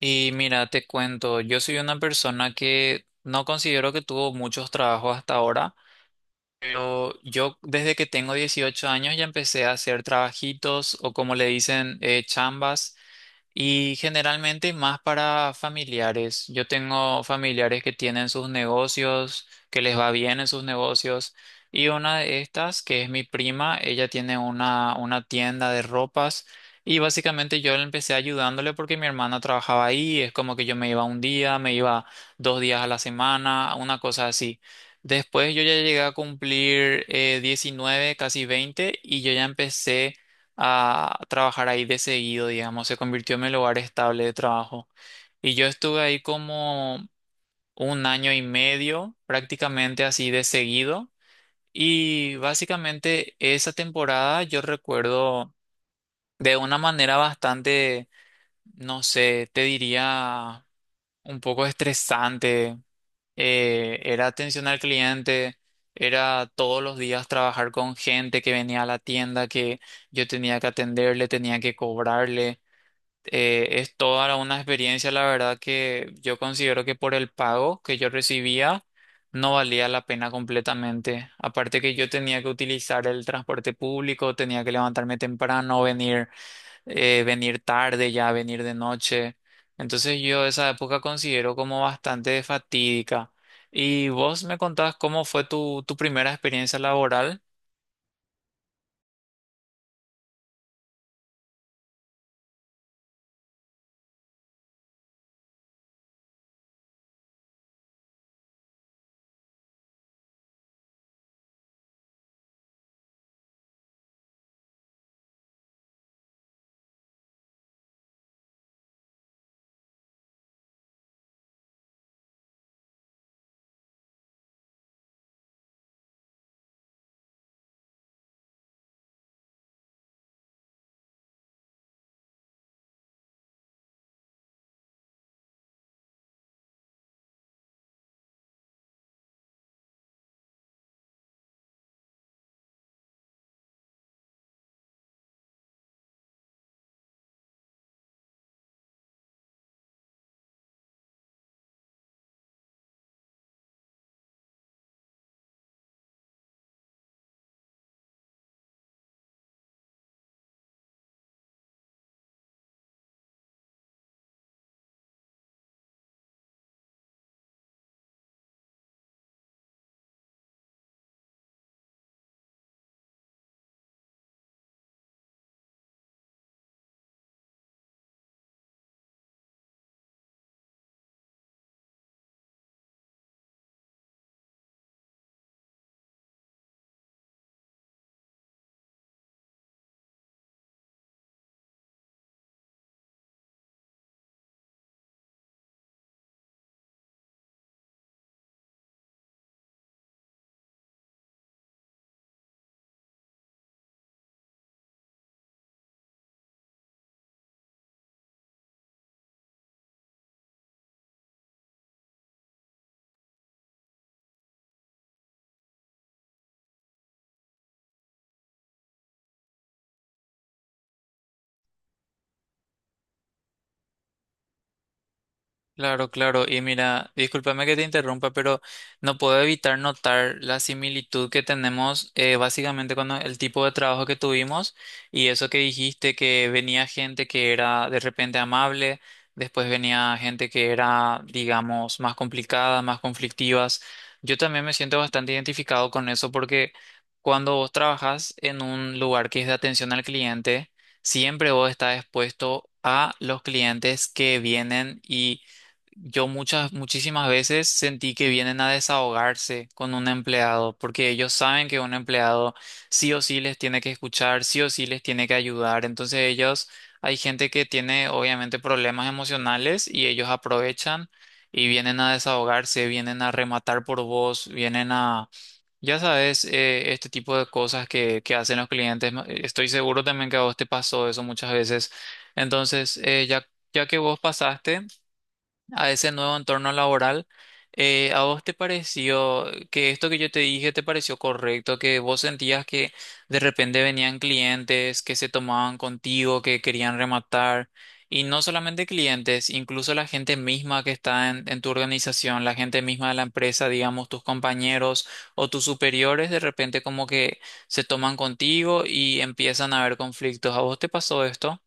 Y mira, te cuento, yo soy una persona que no considero que tuvo muchos trabajos hasta ahora, pero yo desde que tengo 18 años ya empecé a hacer trabajitos o como le dicen, chambas. Y generalmente más para familiares. Yo tengo familiares que tienen sus negocios, que les va bien en sus negocios. Y una de estas, que es mi prima, ella tiene una tienda de ropas. Y básicamente yo le empecé ayudándole porque mi hermana trabajaba ahí. Es como que yo me iba un día, me iba 2 días a la semana, una cosa así. Después yo ya llegué a cumplir 19, casi 20 y yo ya empecé a trabajar ahí de seguido, digamos, se convirtió en mi lugar estable de trabajo. Y yo estuve ahí como un año y medio, prácticamente así de seguido. Y básicamente esa temporada yo recuerdo de una manera bastante, no sé, te diría un poco estresante. Era atención al cliente, era todos los días trabajar con gente que venía a la tienda, que yo tenía que atenderle, tenía que cobrarle. Es toda una experiencia, la verdad, que yo considero que por el pago que yo recibía no valía la pena completamente. Aparte que yo tenía que utilizar el transporte público, tenía que levantarme temprano, venir, venir tarde ya, venir de noche. Entonces yo esa época considero como bastante fatídica. ¿Y vos me contás cómo fue tu primera experiencia laboral? Claro, claro. Y mira, discúlpame que te interrumpa, pero no puedo evitar notar la similitud que tenemos básicamente con el tipo de trabajo que tuvimos y eso que dijiste que venía gente que era de repente amable, después venía gente que era, digamos, más complicada, más conflictivas. Yo también me siento bastante identificado con eso porque cuando vos trabajas en un lugar que es de atención al cliente, siempre vos estás expuesto a los clientes que vienen y yo muchas, muchísimas veces sentí que vienen a desahogarse con un empleado, porque ellos saben que un empleado sí o sí les tiene que escuchar, sí o sí les tiene que ayudar. Entonces ellos, hay gente que tiene obviamente problemas emocionales y ellos aprovechan y vienen a desahogarse, vienen a rematar por vos, vienen a, ya sabes, este tipo de cosas que hacen los clientes. No, estoy seguro también que a vos te pasó eso muchas veces. Entonces, ya que vos pasaste a ese nuevo entorno laboral. ¿A vos te pareció que esto que yo te dije te pareció correcto? ¿Que vos sentías que de repente venían clientes que se tomaban contigo, que querían rematar? Y no solamente clientes, incluso la gente misma que está en tu organización, la gente misma de la empresa, digamos, tus compañeros o tus superiores, de repente como que se toman contigo y empiezan a haber conflictos. ¿A vos te pasó esto?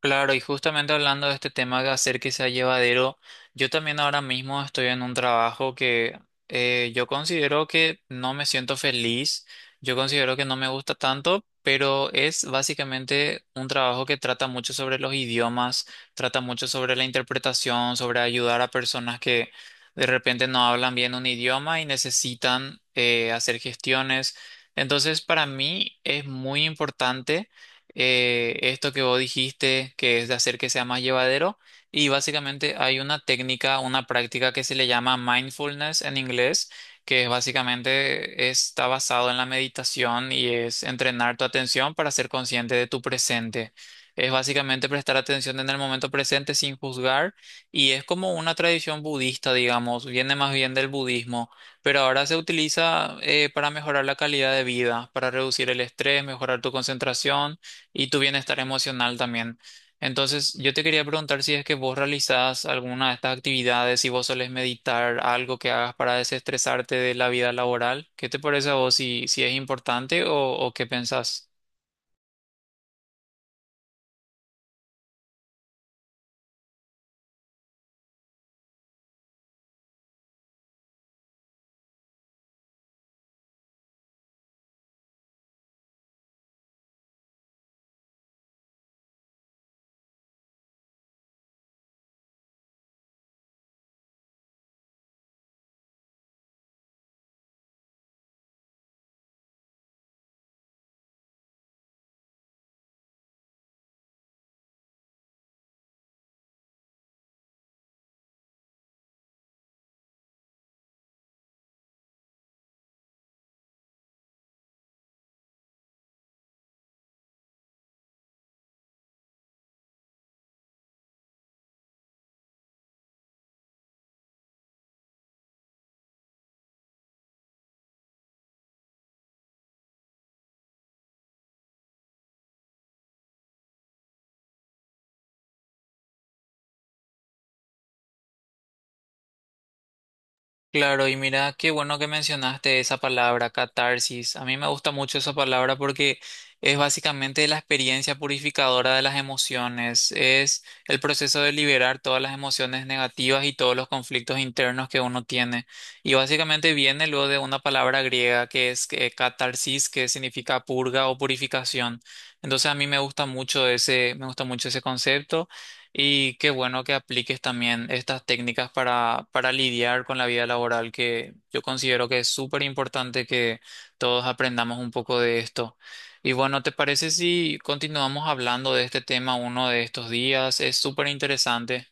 Claro, y justamente hablando de este tema de hacer que sea llevadero, yo también ahora mismo estoy en un trabajo que yo considero que no me siento feliz, yo considero que no me gusta tanto, pero es básicamente un trabajo que trata mucho sobre los idiomas, trata mucho sobre la interpretación, sobre ayudar a personas que de repente no hablan bien un idioma y necesitan hacer gestiones. Entonces, para mí es muy importante esto que vos dijiste, que es de hacer que sea más llevadero. Y básicamente hay una técnica, una práctica que se le llama mindfulness en inglés, que es básicamente está basado en la meditación y es entrenar tu atención para ser consciente de tu presente. Es básicamente prestar atención en el momento presente sin juzgar y es como una tradición budista, digamos, viene más bien del budismo pero ahora se utiliza para mejorar la calidad de vida, para reducir el estrés, mejorar tu concentración y tu bienestar emocional también. Entonces, yo te quería preguntar si es que vos realizás alguna de estas actividades, si vos solés meditar, algo que hagas para desestresarte de la vida laboral. ¿Qué te parece a vos si, si es importante o qué pensás? Claro, y mira, qué bueno que mencionaste esa palabra, catarsis. A mí me gusta mucho esa palabra porque es básicamente la experiencia purificadora de las emociones. Es el proceso de liberar todas las emociones negativas y todos los conflictos internos que uno tiene. Y básicamente viene luego de una palabra griega que es catarsis, que significa purga o purificación. Entonces a mí me gusta mucho ese, me gusta mucho ese concepto. Y qué bueno que apliques también estas técnicas para lidiar con la vida laboral, que yo considero que es súper importante que todos aprendamos un poco de esto. Y bueno, ¿te parece si continuamos hablando de este tema uno de estos días? Es súper interesante.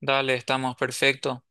Dale, estamos perfecto.